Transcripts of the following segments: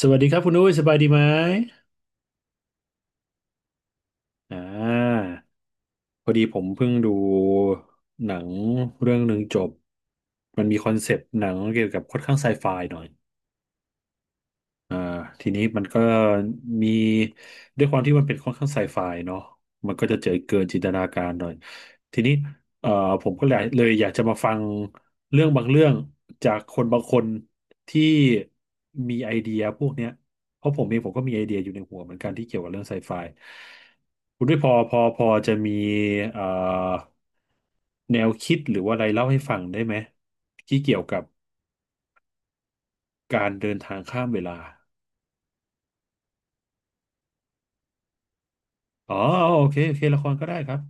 สวัสดีครับคุณอุ้ยสบายดีไหมอ่า พอดีผมเพิ่งดูหนังเรื่องหนึ่งจบ มันมีคอนเซปต์หนังเกี่ยวกับค่อนข้างไซไฟหน่อย อ่าทีนี้มันก็มีด้วยความที่มันเป็นค่อนข้างไซไฟเนาะมันก็จะเจอเกินจินตนาการหน่อยทีนี้เอ่อผมก็เลยอยากจะมาฟังเรื่องบางเรื่องจากคนบางคนที่มีไอเดียพวกเนี้ยเพราะผมเองผมก็มีไอเดียอยู่ในหัวเหมือนกันที่เกี่ยวกับเรื่องไซไฟคุณด้วยพอจะมีเอ่อแนวคิดหรือว่าอะไรเล่าให้ฟังได้ไหมที่เกี่ยวกับการเดินทางข้ามเวลา อ๋อโอเคโอเคละครก็ได้ครับ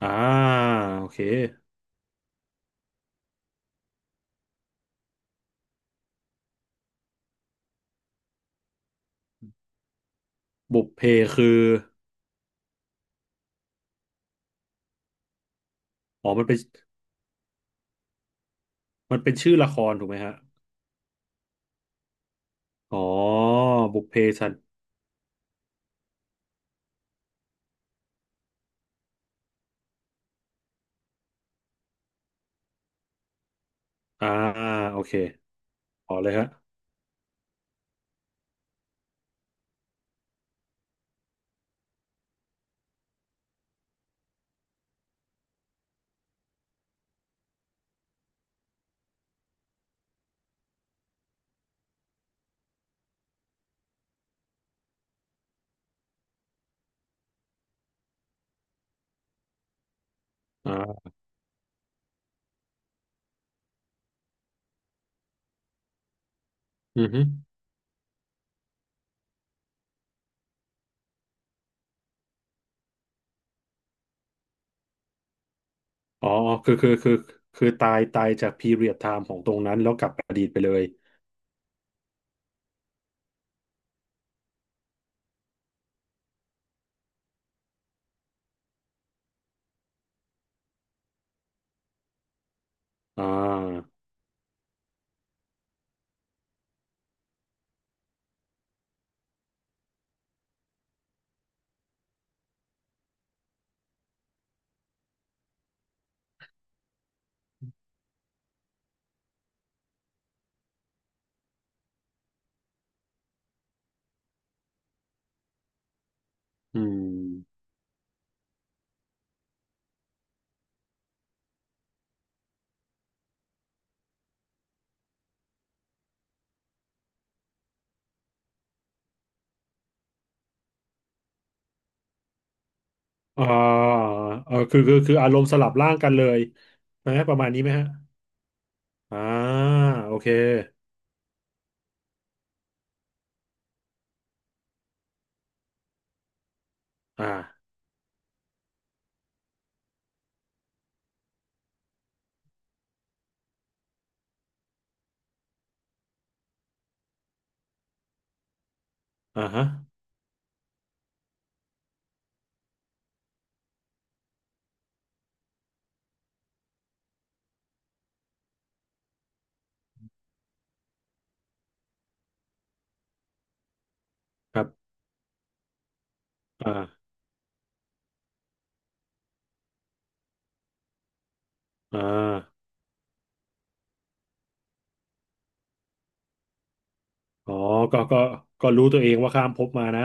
อ่าโอเคบุพเพคืออ๋อมันเป็นชื่อละครถูกไหมฮะอ๋อบุพเพสันอ่าโอเคอ๋อเลยฮะอ่าอือฮึอ๋อคือคือคือคือตายจากพีเรียดไทม์ของตรงนั้นแล้วกลับอดีตไปเลยอ่าอืมอ่าเออคืออารมณ์สลับร่างกันเลยนะประมาณนี้ไหมฮะอ่าโอเคอ่าฮะครับอ่าอ่า อ๋อก็ก็ก็รู้ตัวเองว่าข้ามภพมานะ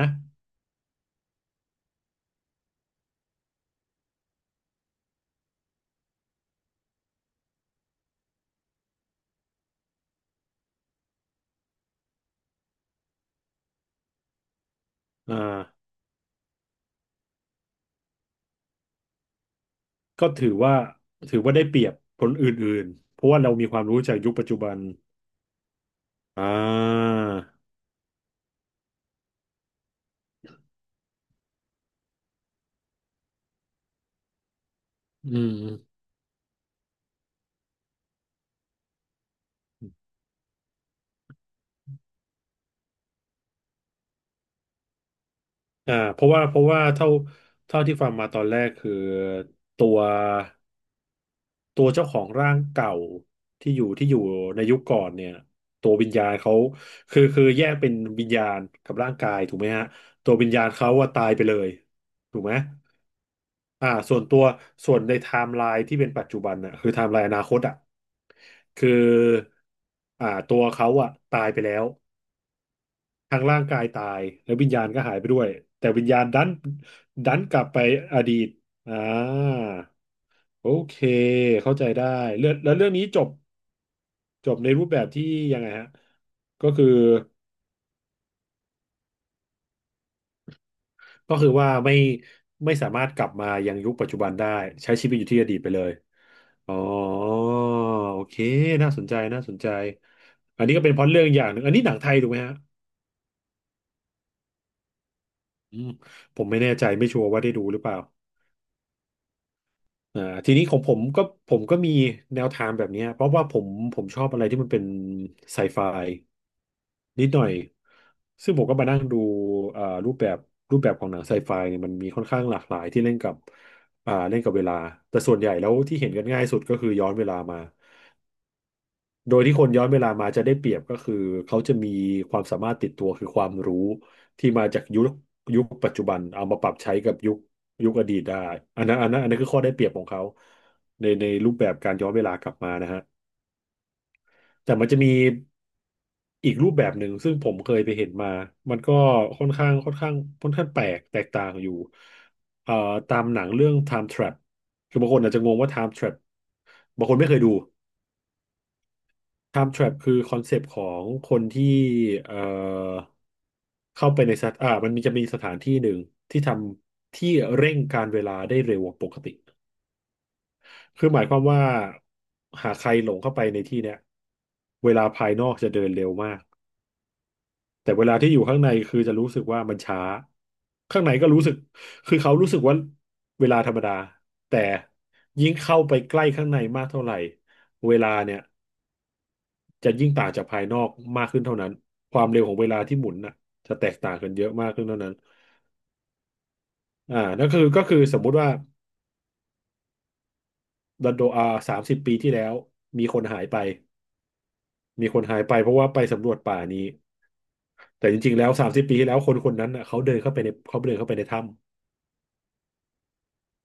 อ่าก็ถือว่าได้เปรียบคนอื่นๆเพราะว่าเรามีความรู้จากยุคปัจจุบันอ่าอืมเพราะว่าเท่าที่ฟังมาตอนแรกคือตัวตัวเจ้าของร่างเก่าที่อยู่ในยุคก่อนเนี่ยตัววิญญาณเขาคือแยกเป็นวิญญาณกับร่างกายถูกไหมฮะตัววิญญาณเขาว่าตายไปเลยถูกไหม ส่วนตัวส่วนในไทม์ไลน์ที่เป็นปัจจุบันน่ะคือไทม์ไลน์อนาคตอ่ะคือตัวเขาอ่ะตายไปแล้วทางร่างกายตายแล้ววิญญาณก็หายไปด้วยแต่วิญญาณดันกลับไปอดีตอ่าโอเคเข้าใจได้เรื่องแล้วเรื่องนี้จบจบในรูปแบบที่ยังไงฮะก็คือ ก็คือว่าไม่สามารถกลับมายังยุคปัจจุบันได้ใช้ชีวิตอยู่ที่อดีตไปเลยอ๋อโอเคน่าสนใจน่าสนใจอันนี้ก็เป็นพล็อตเรื่องอย่างหนึ่งอันนี้หนังไทยถูกไหมฮะอืมผมไม่แน่ใจไม่ชัวร์ว่าได้ดูหรือเปล่าอ่าทีนี้ของผมก็มีแนวทางแบบเนี้ยเพราะว่าผมชอบอะไรที่มันเป็นไซไฟ นิดหน่อย ซึ่งผมก็มานั่งดูเอ่อรูปแบบรูปแบบของหนังไซไฟเนี่ยมันมีค่อนข้างหลากหลายที่เล่นกับเล่นกับเวลา แต่ส่วนใหญ่แล้วที่เห็นกันง่ายสุดก็คือย้อนเวลามา โดยที่คนย้อนเวลามาจะได้เปรียบก็คือเขาจะมีความสามารถติดตัวคือความรู้ที่มาจากยุคปัจจุบันเอามาปรับใช้กับยุคอดีตได้อันนั้นคือข้อได้เปรียบของเขาในรูปแบบการย้อนเวลากลับมานะฮะ แต่มันจะมีอีกรูปแบบหนึ่งซึ่งผมเคยไปเห็นมา มันก็ค่อนข้างค่อนข้างค่อนข้างแปลกแตกต่างอยู่เอ่อตามหนังเรื่อง Time Trap คือบางคนอาจจะงงว่า Time Trap บางคนไม่เคยดู Time Trap คือคอนเซปต์ของคนที่เอ่อเข้าไปในสถมันมีจะมีสถานที่หนึ่งที่ทำที่เร่งการเวลาได้เร็วกว่าปกติคือหมายความว่าหากใครหลงเข้าไปในที่เนี้ยเวลาภายนอกจะเดินเร็วมาก แต่เวลาที่อยู่ข้างในคือจะรู้สึกว่ามันช้าข้างในก็รู้สึกคือเขารู้สึกว่าเวลาธรรมดาแต่ยิ่งเข้าไปใกล้ข้างในมากเท่าไหร่เวลาเนี่ยจะยิ่งต่างจากภายนอกมากขึ้นเท่านั้นความเร็วของเวลาที่หมุนน่ะจะแตกต่างกันเยอะมากขึ้นเท่านั้นนั่นคือก็คือสมมุติว่าดันโดอาสามสิบปีที่แล้วมีคนหายไปเพราะว่าไปสำรวจป่านี้แต่จริงๆแล้วสามสิบปีที่แล้วคนคนนั้นน่ะเขาเดินเข้าไปในเขาเดินเข้าไปในถ้ำ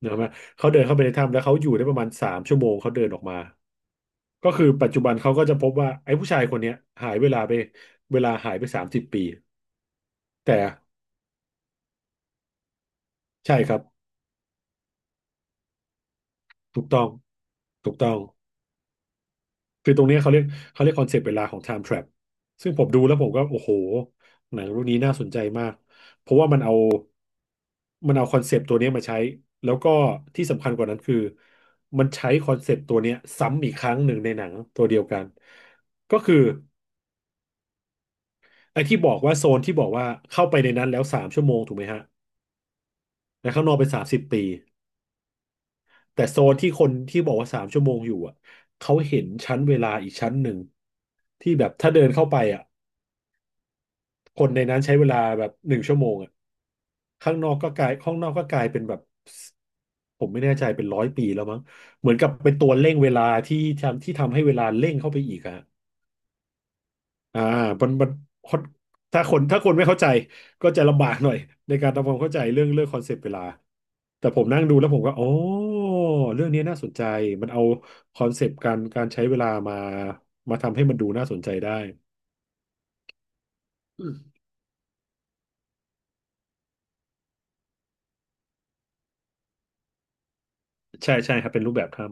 เนกอะไหมเขาเดินเข้าไปในถ้ำแล้วเขาอยู่ได้ประมาณ3 ชั่วโมงเขาเดินออกมา ก็คือปัจจุบันเขาก็จะพบว่าไอ้ผู้ชายคนเนี้ยหายเวลาไปเวลาหายไปสามสิบปีแต่ใช่ครับถูกต้องถูกต้องคือตรงเนี้ยเขาเรียกคอนเซปต์เวลาของ Time Trap ซึ่งผมดูแล้วผมก็โอ้โหหนังเรื่องนี้น่าสนใจมากเพราะว่ามันเอาคอนเซปต์ตัวเนี้ยมาใช้แล้วก็ที่สำคัญกว่านั้นคือมันใช้คอนเซปต์ตัวเนี้ยซ้ำอีกครั้งหนึ่งในหนังตัวเดียวกันก็คือ ไอ้ที่บอกว่าโซนที่บอกว่าเข้าไปในนั้นแล้วสามชั่วโมงถูกไหมฮะแล้วข้างนอกเป็น30 ปีแต่โซนที่คนที่บอกว่าสามชั่วโมงอยู่อ่ะเขาเห็นชั้นเวลาอีกชั้นหนึ่งที่แบบถ้าเดินเข้าไปอ่ะคนในนั้นใช้เวลาแบบ1 ชั่วโมงอ่ะข้างนอกก็กลายข้างนอกก็กลายเป็นแบบผมไม่แน่ใจเป็น100 ปีแล้วมั้งเหมือนกับเป็นตัวเร่งเวลาที่ทำให้เวลาเร่งเข้าไปอีกอะอ่ามันถ้าคนไม่เข้าใจก็จะลำบากหน่อยในการทำความเข้าใจเรื่องคอนเซปต์เวลา แต่ผมนั่งดูแล้วผมก็อ๋อเรื่องนี้น่าสนใจมันเอาคอนเซปต์การใช้เวลามามาทำให้มันดูน่าสนใจได้อืมใช่ใช่ครับเป็นรูปแบบถ้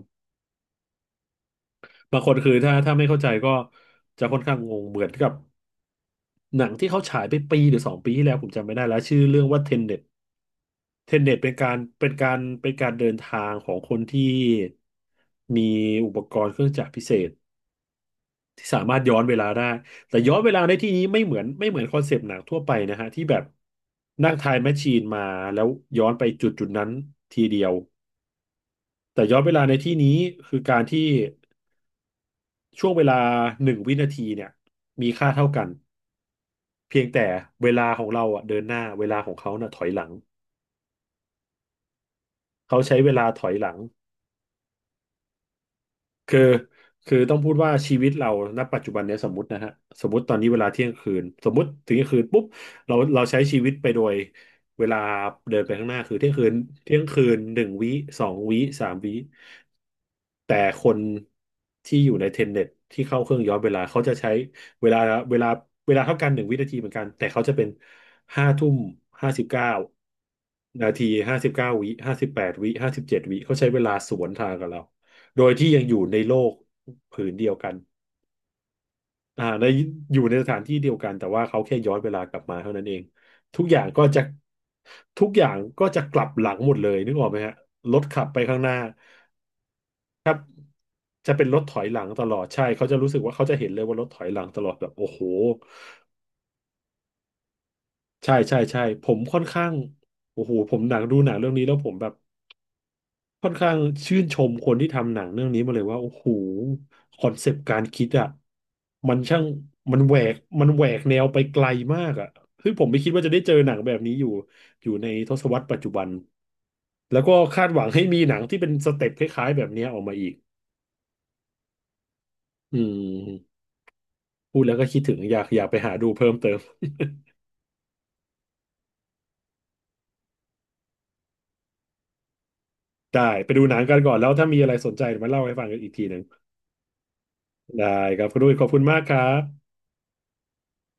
ำบางคนคือถ้าไม่เข้าใจก็จะค่อนข้างงงเหมือนกับหนังที่เขาฉายไปปีหรือ2 ปีที่แล้วผมจำไม่ได้แล้วชื่อเรื่องว่าเทนเน็ตเทนเน็ตเป็นการเป็นการเป็นการเดินทางของคนที่มีอุปกรณ์เครื่องจักรพิเศษ ที่สามารถย้อนเวลาได้แต่ย้อนเวลาในที่นี้ไม่เหมือนคอนเซปต์หนังทั่วไปนะฮะที่แบบนั่งไทม์แมชชีนมาแล้วย้อนไปจุดนั้นทีเดียวแต่ย้อนเวลาในที่นี้คือการที่ช่วงเวลาหนึ่งวินาทีเนี่ยมีค่าเท่ากันเพียงแต่เวลาของเราอ่ะเดินหน้าเวลาของเขาน่ะถอยหลังเขาใช้เวลาถอยหลัง คือคือต้องพูดว่าชีวิตเราณปัจจุบันเนี้ยสมมตินะฮะสมมติตอนนี้เวลาเที่ยงคืนสมมติถึงเที่ยงคืนปุ๊บเราใช้ชีวิตไปโดยเวลาเดินไปข้างหน้าคือเที่ยงคืนเที่ยงคืนหนึ่งวิ2 วิ3 วิแต่คนที่อยู่ในเทนเน็ตที่เข้าเครื่องย้อนเวลาเขาจะใช้เวลาเวลาเวลาเท่ากันหนึ่งวินาทีเหมือนกันแต่เขาจะเป็นห้าทุ่ม59 นาที59 วิ58 วิ57 วิเขาใช้เวลาสวนทางกับเรา โดยที่ยังอยู่ในโลกผืนเดียวกันอ่าในอยู่ในสถานที่เดียวกันแต่ว่าเขาแค่ย้อนเวลากลับมาเท่านั้นเองทุกอย่างก็จะทุกอย่างก็จะกลับหลังหมดเลยนึกออกไหมฮะรถขับไปข้างหน้าจะเป็นรถถอยหลังตลอดใช่เขาจะรู้สึกว่าเขาจะเห็นเลยว่ารถถอยหลังตลอดแบบโอ้โหใช่ใช่ใช่ผมค่อนข้างโอ้โหผมหนังดูหนังเรื่องนี้แล้วผมแบบ ค่อนข้างชื่นชมคนที่ทำหนังเรื่องนี้มาเลยว่าโอ้โหคอนเซปต์การคิดอ่ะมันช่างมันแหวกมันแหวกแนวไปไกลมากอ่ะซึ่งผมไม่คิดว่าจะได้เจอหนังแบบนี้อยู่ในทศวรรษปัจจุบันแล้วก็คาดหวังให้มีหนังที่เป็นสเต็ปคล้ายๆแบบเนี้ยออกมาอีกอืมพูดแล้วก็คิดถึงอยากไปหาดูเพิ่มเติม ได้ไปดูหนังกันก่อนแล้วถ้ามีอะไรสนใจเดี๋ยวมาเล่าให้ฟังกันอีกทีหนึ่งได้ครับคุณด้วยขอบคุณมากครับ